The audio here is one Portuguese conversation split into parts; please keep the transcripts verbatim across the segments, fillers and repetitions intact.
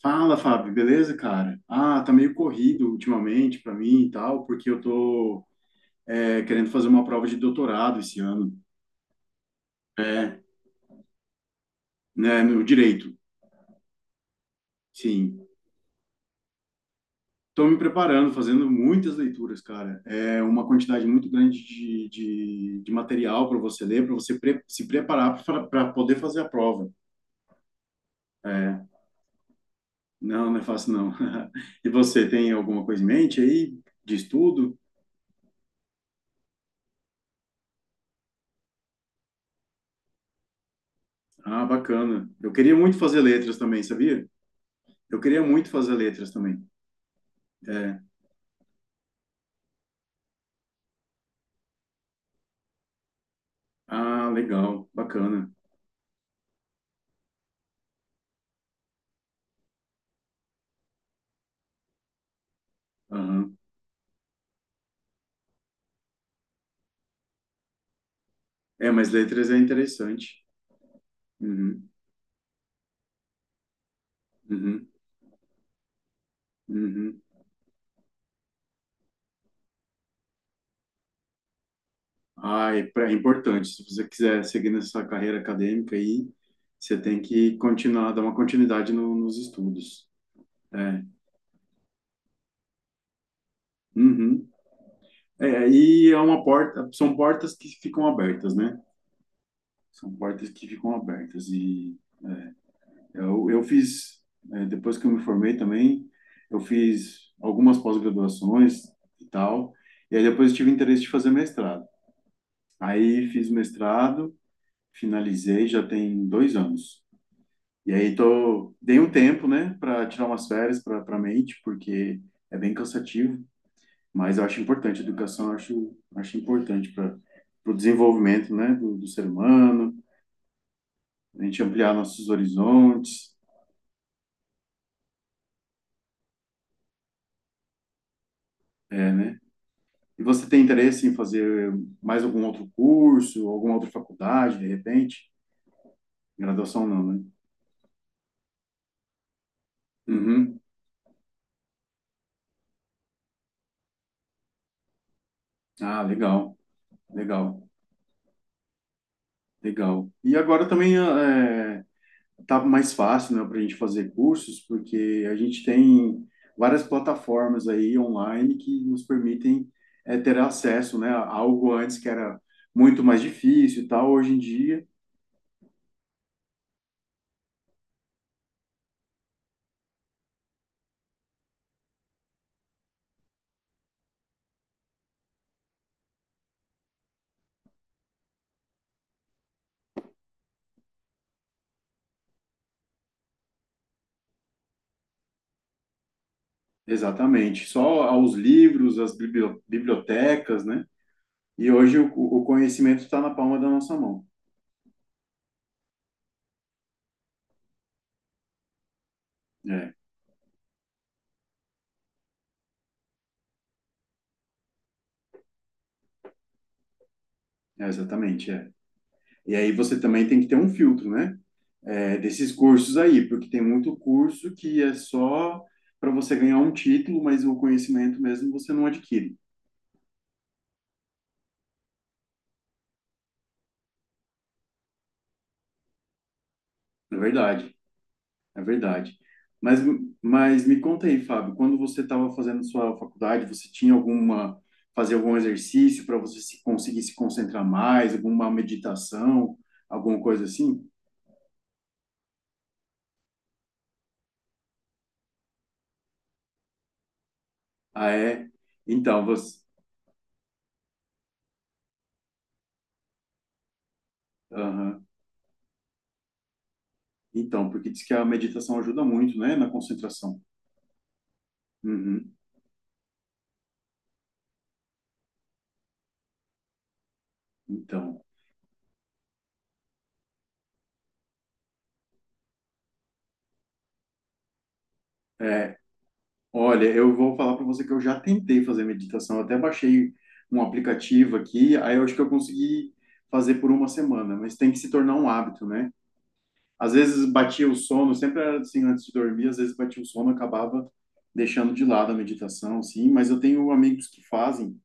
Fala, Fábio, beleza, cara? Ah, tá meio corrido ultimamente pra mim e tal, porque eu tô é, querendo fazer uma prova de doutorado esse ano, é, né, no direito, sim. Tô me preparando, fazendo muitas leituras, cara. É uma quantidade muito grande de, de, de material para você ler, para você pre- se preparar para poder fazer a prova. Não, não é fácil, não. E você tem alguma coisa em mente aí de estudo? Ah, bacana. Eu queria muito fazer letras também, sabia? Eu queria muito fazer letras também. É. Ah, legal, bacana. Aham. É, mas letras é interessante. Uhum, uhum, uhum. Ah, é, pra- é importante. Se você quiser seguir nessa carreira acadêmica aí, você tem que continuar, dar uma continuidade no- nos estudos. É. Uhum. É, e é uma porta, são portas que ficam abertas, né? São portas que ficam abertas. E Eu, eu fiz, eh, depois que eu me formei também, eu fiz algumas pós-graduações e tal, e aí depois eu tive interesse de fazer mestrado. Aí fiz mestrado, finalizei, já tem dois anos. E aí tô, dei um tempo, né, para tirar umas férias para para mente, porque é bem cansativo, mas eu acho importante, a educação eu acho, acho importante para o desenvolvimento, né, do, do ser humano, a gente ampliar nossos horizontes, é, né. E você tem interesse em fazer mais algum outro curso, alguma outra faculdade, de repente? Graduação não, né? Uhum. Ah, legal, legal, legal. E agora também é, tá mais fácil, né, para a gente fazer cursos, porque a gente tem várias plataformas aí online que nos permitem é, ter acesso, né, a algo antes que era muito mais difícil e tal, hoje em dia, exatamente, só aos livros, às bibli- bibliotecas, né? E hoje o, o conhecimento está na palma da nossa mão. É, é, exatamente, é. E aí você também tem que ter um filtro, né? É, desses cursos aí, porque tem muito curso que é só para você ganhar um título, mas o conhecimento mesmo você não adquire. É verdade, é verdade. Mas, mas me conta aí, Fábio, quando você estava fazendo sua faculdade, você tinha alguma, fazer algum exercício para você se, conseguir se concentrar mais, alguma meditação, alguma coisa assim? Ah, é? Então, você, aham. Então, porque diz que a meditação ajuda muito, né, na concentração. Uhum. Então, é, olha, eu vou falar para você que eu já tentei fazer meditação, eu até baixei um aplicativo aqui, aí eu acho que eu consegui fazer por uma semana, mas tem que se tornar um hábito, né? Às vezes batia o sono, sempre era assim antes de dormir, às vezes batia o sono, acabava deixando de lado a meditação, sim, mas eu tenho amigos que fazem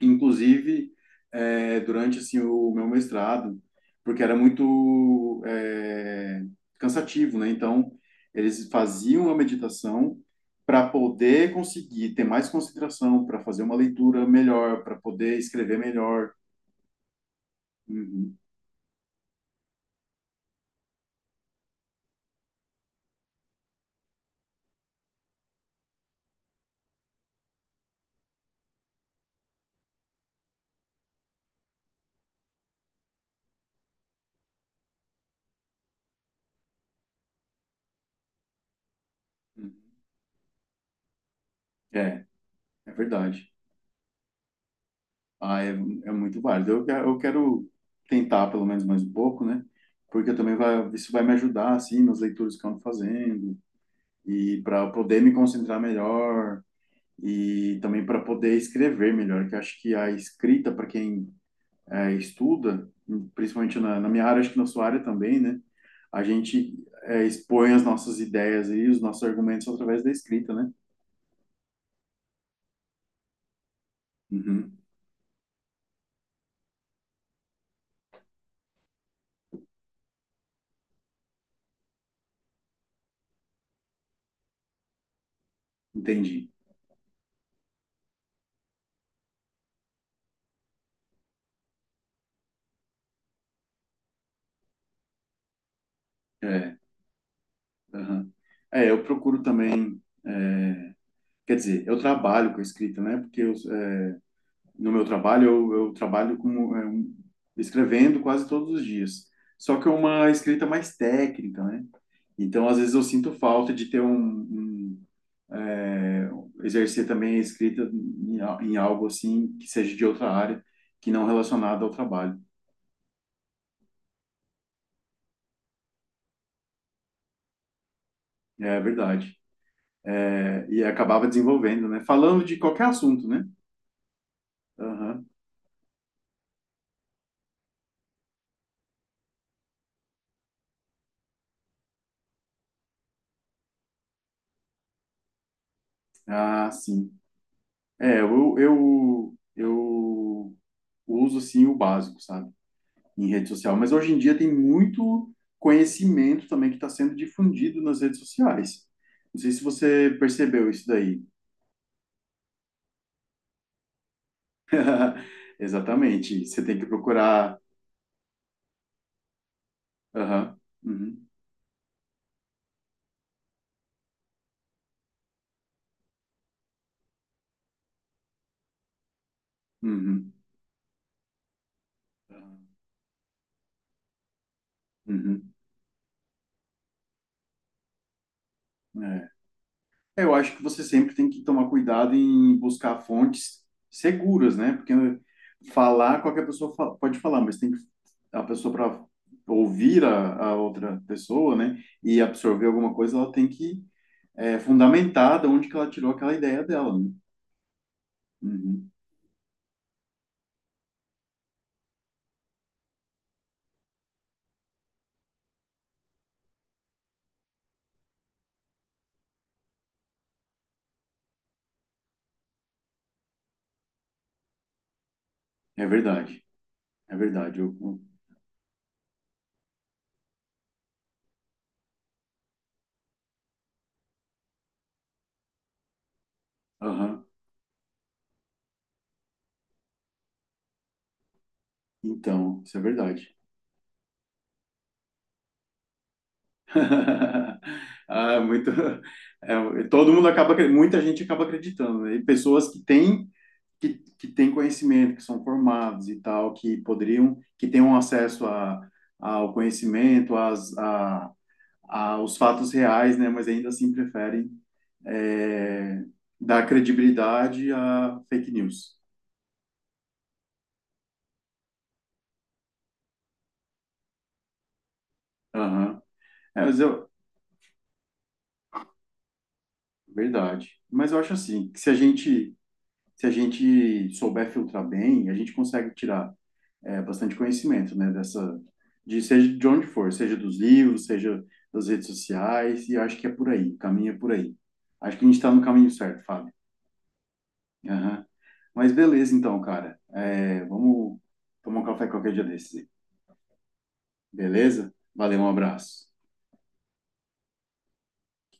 inclusive é, durante assim o meu mestrado, porque era muito é, cansativo, né? Então eles faziam a meditação para poder conseguir ter mais concentração, para fazer uma leitura melhor, para poder escrever melhor. Uhum, uhum. É, é verdade. Ah, é, é muito válido. Eu, que- eu quero tentar pelo menos mais um pouco, né? Porque também vai, isso vai me ajudar assim nas leituras que eu ando fazendo, e para poder me concentrar melhor e também para poder escrever melhor, que eu acho que a escrita, para quem é, estuda, principalmente na, na, minha área, acho que na sua área também, né? A gente é, expõe as nossas ideias e os nossos argumentos através da escrita, né? Uhum, entendi. É, uhum. É, eu procuro também, é, quer dizer, eu trabalho com a escrita, né? Porque eu, no meu trabalho, eu, eu trabalho como, é, um- escrevendo quase todos os dias. Só que é uma escrita mais técnica, né? Então, às vezes, eu sinto falta de ter um, um, é, exercer também a escrita em, a- em algo assim que seja de outra área, que não relacionada ao trabalho. É verdade. É, e acabava desenvolvendo, né? Falando de qualquer assunto, né? Aham. Ah, sim. É, eu, eu, eu uso, assim, o básico, sabe? Em rede social. Mas hoje em dia tem muito conhecimento também que está sendo difundido nas redes sociais. Não sei se você percebeu isso daí. Exatamente. Você tem que procurar. Aham. Uhum. Uhum. Uhum. É. Eu acho que você sempre tem que tomar cuidado em buscar fontes seguras, né? Porque falar, qualquer pessoa fa- pode falar, mas tem que a pessoa para ouvir a, a outra pessoa, né? E absorver alguma coisa, ela tem que é, fundamentada onde que ela tirou aquela ideia dela, né? Uhum. É verdade, é verdade. Eu, eu- aham. Então, isso é verdade. Ah, é muito. É, todo mundo acaba, acre- muita gente acaba acreditando, né? E pessoas que têm que, que têm conhecimento, que são formados e tal, que poderiam, que tenham acesso a, ao conhecimento, às, a, aos fatos reais, né? Mas ainda assim preferem é, dar credibilidade a fake news. Aham. É, mas eu, verdade. Mas eu acho assim, que se a gente, se a gente souber filtrar bem, a gente consegue tirar é, bastante conhecimento, né, dessa, de seja de onde for, seja dos livros, seja das redes sociais, e eu acho que é por aí, o caminho é por aí. Acho que a gente está no caminho certo, Fábio. Aham. Mas beleza então, cara. É, vamos tomar um café qualquer dia desse. Beleza? Valeu, um abraço.